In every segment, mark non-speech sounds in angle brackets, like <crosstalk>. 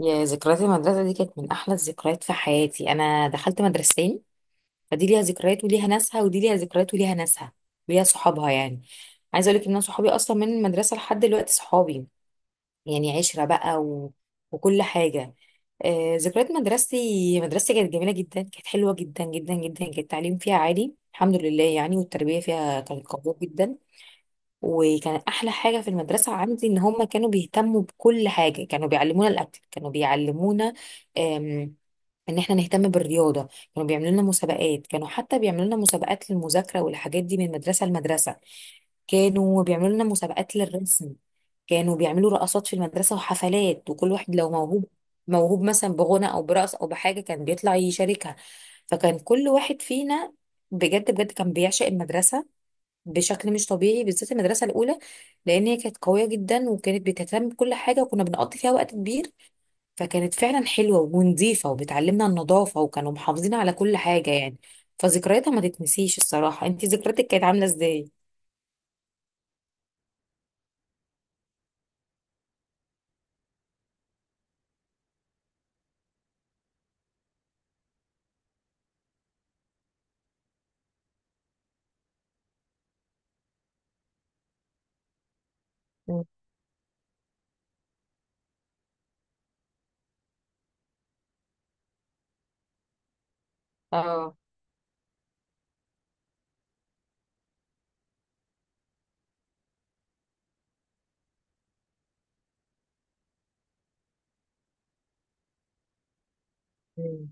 يا ذكريات المدرسة دي كانت من أحلى الذكريات في حياتي. أنا دخلت مدرستين، فدي ليها ذكريات وليها ناسها ودي ليها ذكريات وليها ناسها وليها صحابها يعني. عايزة أقولك إن أنا صحابي أصلا من المدرسة لحد دلوقتي صحابي، يعني عشرة بقى وكل حاجة. آه، ذكريات مدرستي كانت جميلة جدا، كانت حلوة جدا جدا جدا، كان التعليم فيها عالي الحمد لله يعني، والتربية فيها كانت قوية جدا. وكان احلى حاجه في المدرسه عندي ان هم كانوا بيهتموا بكل حاجه، كانوا بيعلمونا الاكل، كانوا بيعلمونا آم، ان احنا نهتم بالرياضه. كانوا بيعملوا لنا مسابقات، كانوا حتى بيعملوا لنا مسابقات للمذاكره والحاجات دي من مدرسه لمدرسه، كانوا بيعملوا لنا مسابقات للرسم، كانوا بيعملوا رقصات في المدرسه وحفلات، وكل واحد لو موهوب مثلا بغنى او برقص او بحاجه كان بيطلع يشاركها. فكان كل واحد فينا بجد بجد كان بيعشق المدرسه بشكل مش طبيعي، بالذات المدرسه الاولى، لان هي كانت قويه جدا وكانت بتهتم بكل حاجه وكنا بنقضي فيها وقت كبير. فكانت فعلا حلوه ونظيفه وبتعلمنا النظافه وكانوا محافظين على كل حاجه يعني. فذكرياتها ما تتنسيش الصراحه. انت ذكرياتك كانت عامله ازاي؟ مم. اه. مم.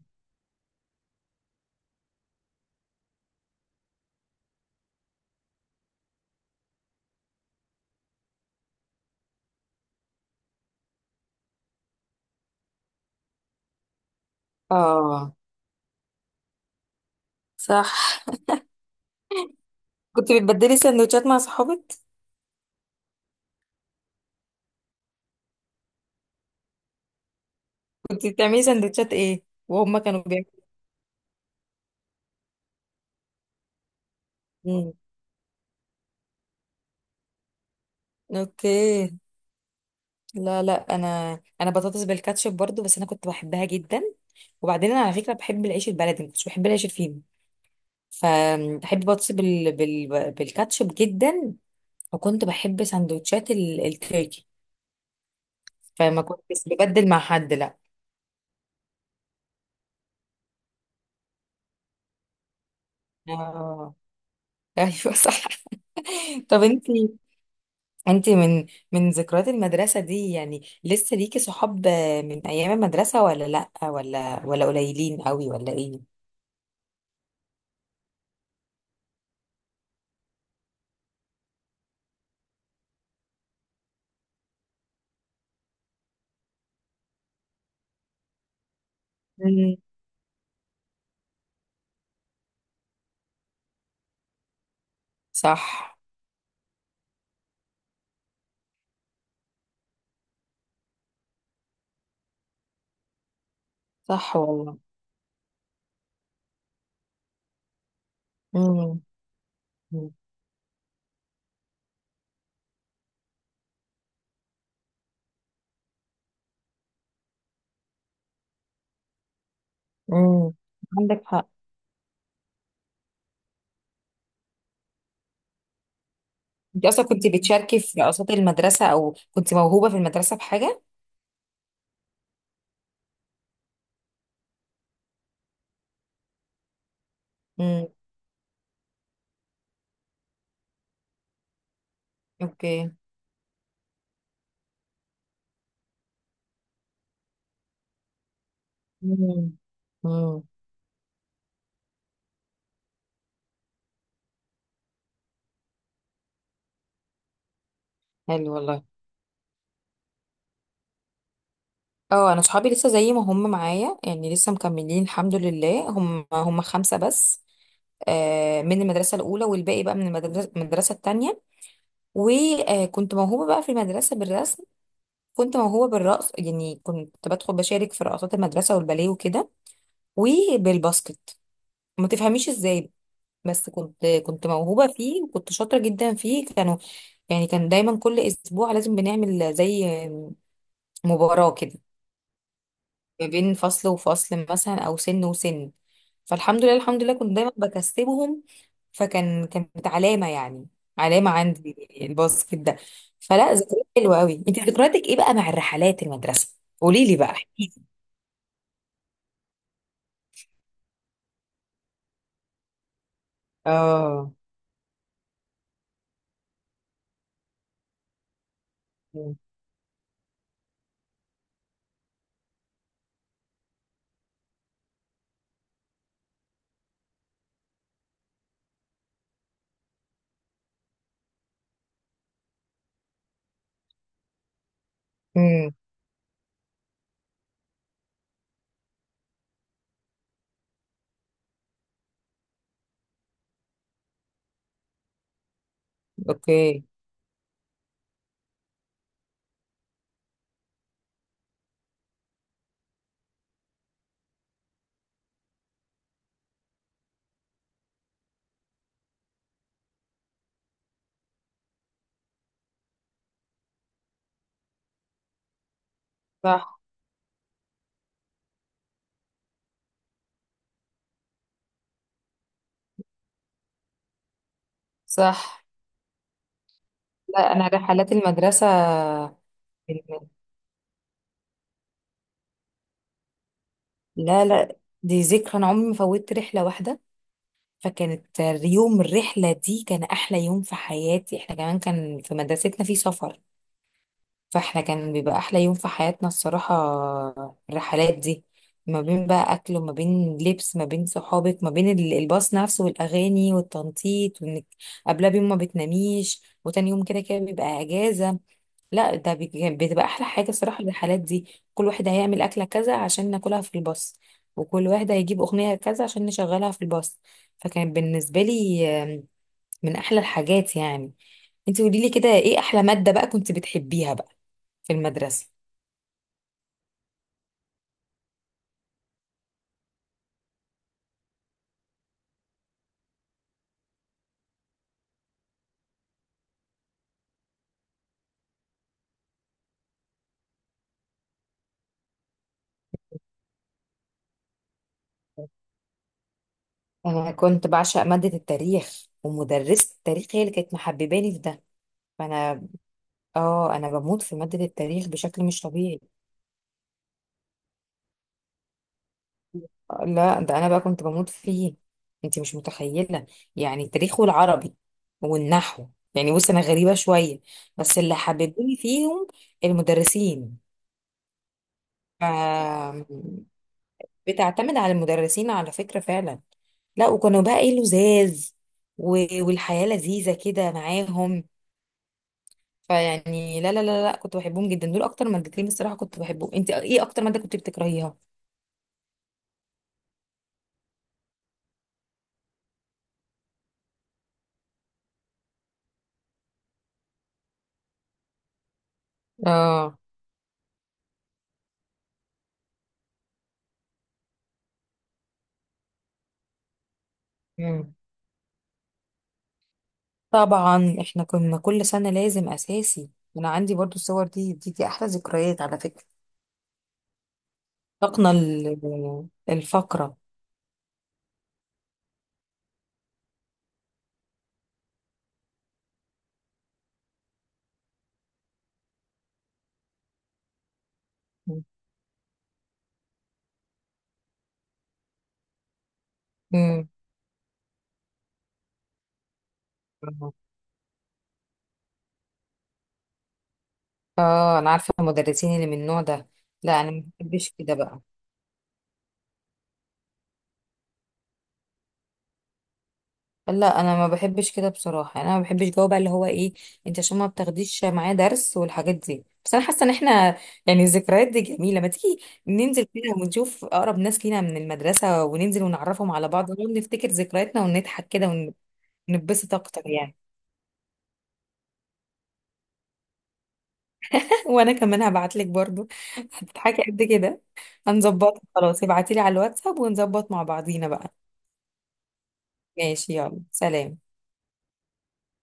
اه، صح. كنت بتبدلي سندوتشات مع صحابك؟ كنت بتعملي سندوتشات ايه وهم كانوا بيعملوا؟ مم. اوكي. لا لا، انا بطاطس بالكاتشب برضو، بس انا كنت بحبها جدا. وبعدين انا على فكره بحب العيش البلدي، ما كنتش بحب العيش الفينو، فبحب بطاطس بالكاتشب جدا، وكنت بحب سندوتشات التركي، فما كنتش ببدل مع حد لا. اه، ايوه، صح. <laughs> طب انت، انت من، من ذكريات المدرسه دي يعني لسه ليكي صحاب من ايام المدرسه؟ ولا لا، ولا ولا قليلين قوي، ولا ايه؟ مم. صح. صح، والله. امم. عندك حق. انت اصلا كنت بتشاركي في رقصات المدرسه، او كنت موهوبه في المدرسه بحاجه؟ امم. اوكي. امم. امم. حلو، والله. اه، انا صحابي لسه زي ما هم معايا، يعني لسه مكملين الحمد لله، هم هم خمسه بس. من المدرسة الأولى، والباقي بقى من المدرسة التانية. وكنت موهوبة بقى في المدرسة بالرسم، كنت موهوبة بالرقص، يعني كنت بدخل بشارك في رقصات المدرسة والباليه وكده، وبالباسكت، ما تفهميش ازاي، بس كنت موهوبة فيه وكنت شاطرة جدا فيه. كانوا يعني، كان دايما كل أسبوع لازم بنعمل زي مباراة كده ما بين فصل وفصل مثلا، أو سن وسن، فالحمد لله الحمد لله كنت دايما بكسبهم. كانت علامة يعني، علامة عندي الباسكت ده. فلا، ذكريات حلوة قوي. انت ذكرياتك ايه بقى مع الرحلات المدرسة؟ قولي لي بقى. اه. مم. امم. اوكي. صح. صح. لا، انا رحلات المدرسه، لا لا، دي ذكرى، انا عمري ما فوتت رحله واحده. فكانت، يوم الرحله دي كان احلى يوم في حياتي. احنا كمان كان في مدرستنا في سفر، فاحنا كان بيبقى احلى يوم في حياتنا الصراحه الرحلات دي، ما بين بقى اكل وما بين لبس، ما بين صحابك، ما بين الباص نفسه والاغاني والتنطيط، وانك قبلها بيوم ما بتناميش وتاني يوم كده كده بيبقى اجازه. لا، ده بتبقى احلى حاجه الصراحه الرحلات دي. كل واحد هيعمل اكله كذا عشان ناكلها في الباص، وكل واحد هيجيب اغنيه كذا عشان نشغلها في الباص. فكان بالنسبه لي من احلى الحاجات يعني. انت قولي لي كده، ايه احلى ماده بقى كنت بتحبيها بقى في المدرسه؟ انا كنت بعشق ماده التاريخ، ومدرسه التاريخ هي اللي كانت محبباني في ده. فانا، اه، انا بموت في ماده التاريخ بشكل مش طبيعي. لا ده انا بقى كنت بموت فيه، انت مش متخيله. يعني التاريخ والعربي والنحو، يعني بص انا غريبه شويه، بس اللي حببوني فيهم المدرسين. ف، بتعتمد على المدرسين على فكره فعلا. لا، وكانوا بقى ايه، لزاز، والحياه لذيذه كده معاهم. فيعني لا كنت بحبهم جدا، دول اكتر مادتين الصراحه كنت بحبهم. انت ايه اكتر ماده كنت بتكرهيها؟ اه. طبعا احنا كنا كل سنة لازم اساسي. انا عندي برضو الصور دي، دي احلى ذكريات على فكرة. طاقنا الفقرة. امم. اه، انا عارفة المدرسين اللي من النوع ده. لا، انا ما بحبش كده بقى. لا، انا ما بحبش كده بصراحة، يعني انا ما بحبش جو بقى اللي هو ايه، انت عشان ما بتاخديش معاه درس والحاجات دي. بس انا حاسة ان احنا، يعني الذكريات دي جميلة، ما تيجي ننزل كده ونشوف اقرب ناس لينا من المدرسة وننزل ونعرفهم على بعض ونقعد نفتكر ذكرياتنا ونضحك كده، نتبسط اكتر يعني. <laughs> وانا كمان هبعت لك برضو، هتضحكي قد كده. هنظبطها خلاص، ابعتي لي على الواتساب ونظبط مع بعضينا بقى. ماشي، يلا سلام.